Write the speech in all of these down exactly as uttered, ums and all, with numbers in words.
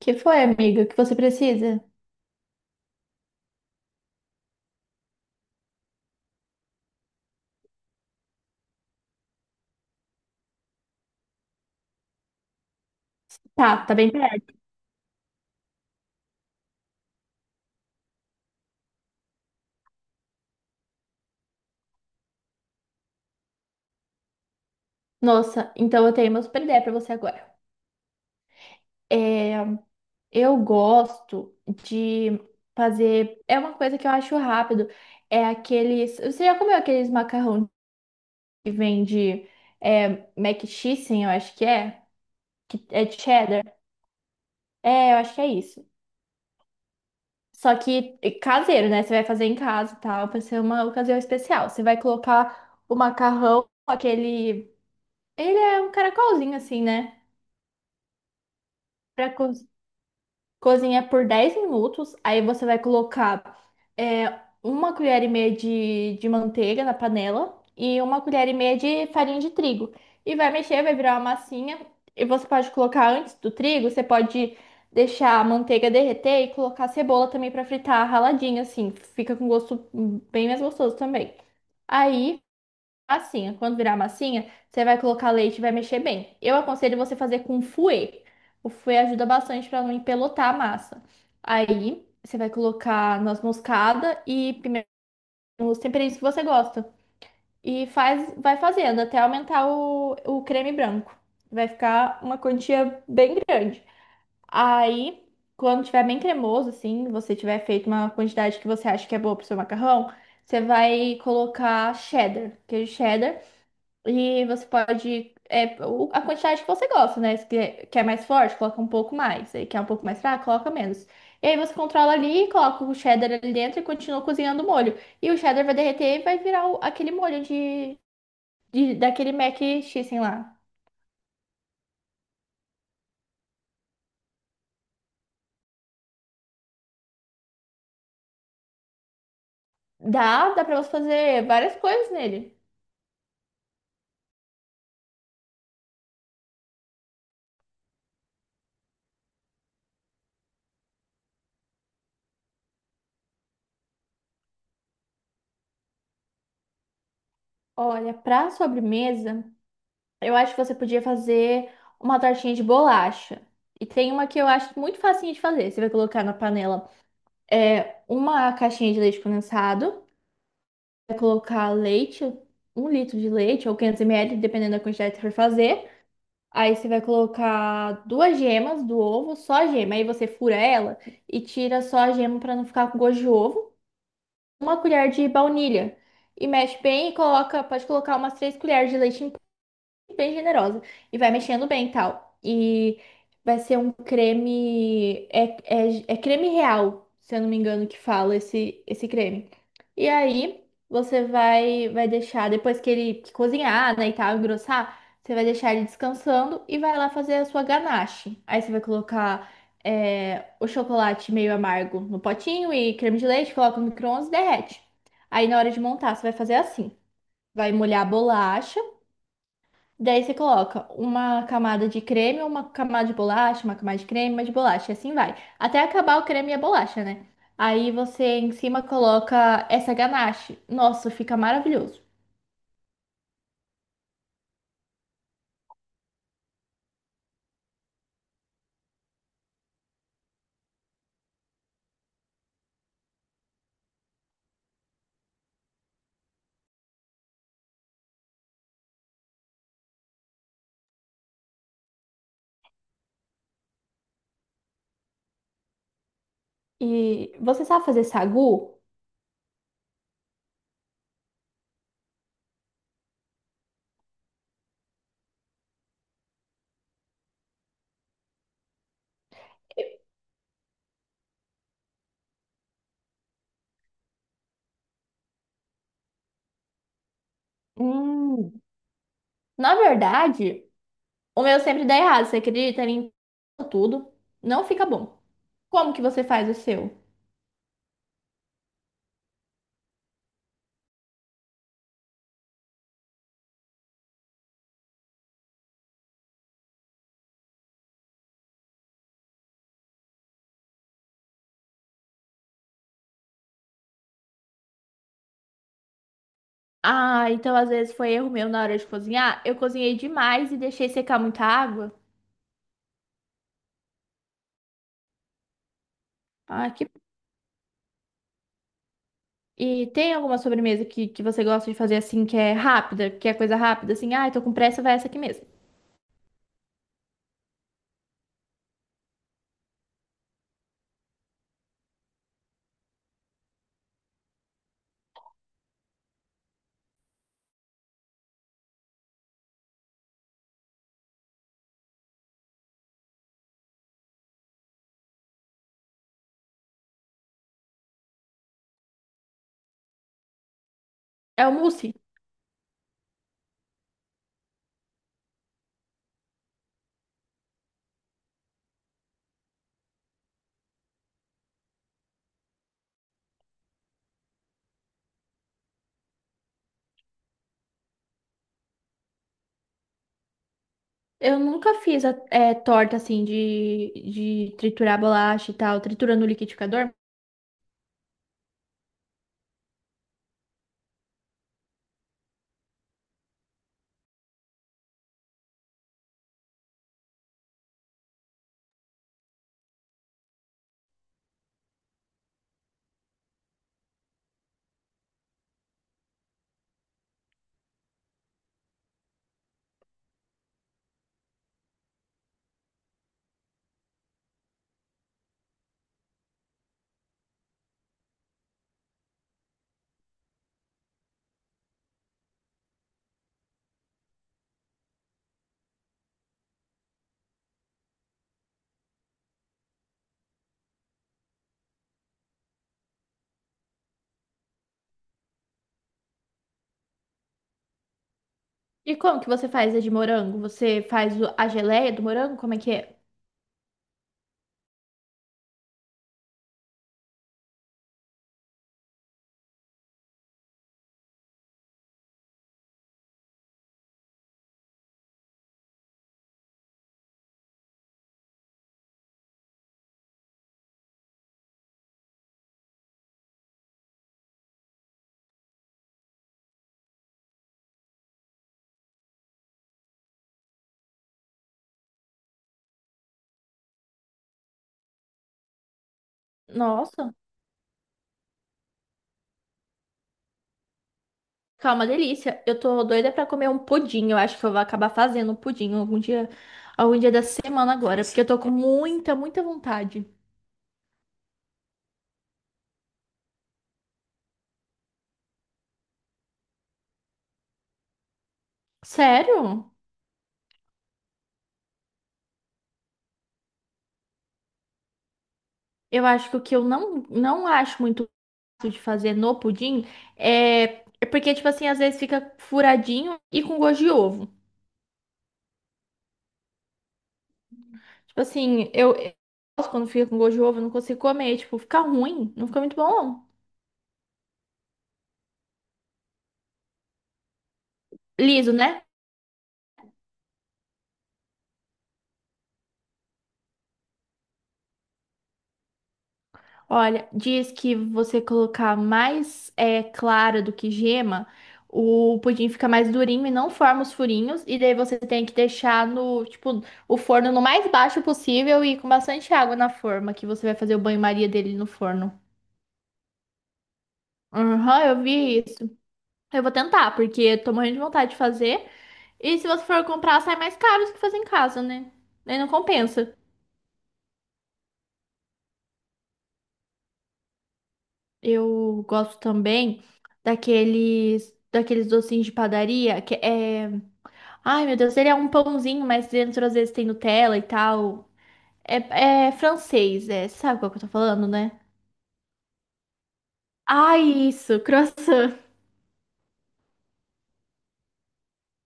Que foi, amiga? O que você precisa? Tá, tá bem perto. Nossa, então eu tenho uma super ideia pra você agora. É, eu gosto de fazer. É uma coisa que eu acho rápido. É aqueles. Você já comeu aqueles macarrão que vende é, mac cheese, eu acho que é? Que é de cheddar? É, eu acho que é isso. Só que é caseiro, né? Você vai fazer em casa e tal, pra ser uma ocasião especial. Você vai colocar o macarrão, aquele. Ele é um caracolzinho assim, né? Para co cozinhar por dez minutos. Aí você vai colocar é, uma colher e meia de, de manteiga na panela e uma colher e meia de farinha de trigo. E vai mexer, vai virar uma massinha. E você pode colocar antes do trigo, você pode deixar a manteiga derreter e colocar a cebola também para fritar raladinha, assim. Fica com gosto hum, bem mais gostoso também. Aí massinha. Quando virar massinha, você vai colocar leite e vai mexer bem. Eu aconselho você fazer com fouet. O fouet ajuda bastante para não empelotar a massa. Aí, você vai colocar noz moscada e pimenta, os temperinhos que você gosta. E faz, vai fazendo até aumentar o, o creme branco. Vai ficar uma quantia bem grande. Aí, quando tiver bem cremoso, assim, você tiver feito uma quantidade que você acha que é boa pro seu macarrão, você vai colocar cheddar, queijo cheddar. E você pode. É, o- a quantidade que você gosta, né? Se quer, quer mais forte, coloca um pouco mais. Aí quer um pouco mais fraco, coloca menos. E aí você controla ali, coloca o cheddar ali dentro e continua cozinhando o molho. E o cheddar vai derreter e vai virar o- aquele molho de, de- daquele mac cheese lá. Dá, dá pra você fazer várias coisas nele. Olha, pra sobremesa, eu acho que você podia fazer uma tortinha de bolacha. E tem uma que eu acho muito facinho de fazer. Você vai colocar na panela. É uma caixinha de leite condensado, vai colocar leite, um litro de leite ou quinhentos mililitros, dependendo da quantidade que você for fazer. Aí você vai colocar duas gemas do ovo, só a gema. Aí você fura ela e tira só a gema para não ficar com gosto de ovo. Uma colher de baunilha. E mexe bem e coloca, pode colocar umas três colheres de leite em bem generosa. E vai mexendo bem e tal. E vai ser um creme. É, é, é creme real, se eu não me engano, que fala esse, esse, creme. E aí, você vai, vai deixar, depois que ele que cozinhar, né, e tal, engrossar, você vai deixar ele descansando e vai lá fazer a sua ganache. Aí você vai colocar é, o chocolate meio amargo no potinho e creme de leite, coloca no micro-ondas e derrete. Aí na hora de montar, você vai fazer assim: vai molhar a bolacha. Daí você coloca uma camada de creme, uma camada de bolacha, uma camada de creme, uma de bolacha, e assim vai. Até acabar o creme e a bolacha, né? Aí você em cima coloca essa ganache. Nossa, fica maravilhoso. E você sabe fazer sagu? Hum. Na verdade, o meu sempre dá errado, você acredita? Ele empana tudo, não fica bom. Como que você faz o seu? Ah, então às vezes foi erro meu na hora de cozinhar. Eu cozinhei demais e deixei secar muita água. Ah, que E tem alguma sobremesa que, que você gosta de fazer assim, que é rápida, que é coisa rápida, assim, ai, tô com pressa, vai essa aqui mesmo. É o mousse. Eu nunca fiz a, é, torta assim de, de triturar bolacha e tal, tritura no liquidificador. E como que você faz a de morango? Você faz o- a geleia do morango? Como é que é? Nossa, calma, delícia. Eu tô doida pra comer um pudim. Eu acho que eu vou acabar fazendo um pudim algum dia, algum dia da semana agora, porque eu tô com muita, muita vontade. Sério? Eu acho que o que eu não, não acho muito fácil de fazer no pudim é, é porque, tipo assim, às vezes fica furadinho e com gosto de ovo. Tipo assim, eu, eu gosto quando fica com gosto de ovo, eu não consigo comer. Tipo, fica ruim, não fica muito bom, não. Liso, né? Olha, diz que você colocar mais é, clara do que gema, o pudim fica mais durinho e não forma os furinhos. E daí você tem que deixar no, tipo, o forno no mais baixo possível e com bastante água na forma, que você vai fazer o banho-maria dele no forno. Aham, eu vi isso. Eu vou tentar, porque eu tô morrendo de vontade de fazer. E se você for comprar, sai mais caro do que fazer em casa, né? Aí não compensa. Eu gosto também daqueles, daqueles docinhos de padaria que é. Ai, meu Deus, ele é um pãozinho, mas dentro às vezes tem Nutella e tal. É, é francês, é. Sabe qual que eu tô falando, né? Ai, isso, croissant.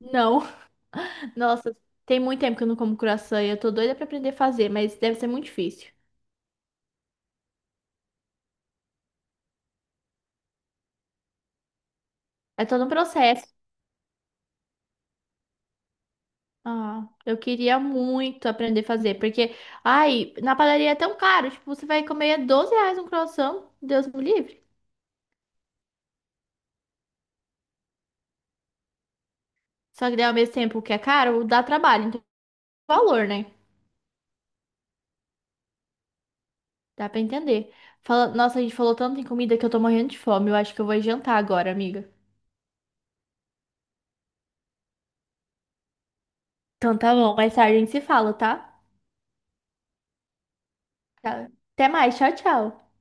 Não. Nossa, tem muito tempo que eu não como croissant e eu tô doida pra aprender a fazer, mas deve ser muito difícil. É todo um processo. Ah, eu queria muito aprender a fazer, porque, ai, na padaria é tão caro. Tipo, você vai comer doze reais um croissant, Deus me livre. Só que daí, ao mesmo tempo que é caro, dá trabalho, então valor, né? Dá pra entender. Fala... Nossa, a gente falou tanto em comida que eu tô morrendo de fome. Eu acho que eu vou jantar agora, amiga. Então tá bom, mais tarde a gente se fala, tá? Tá. Até mais, tchau, tchau.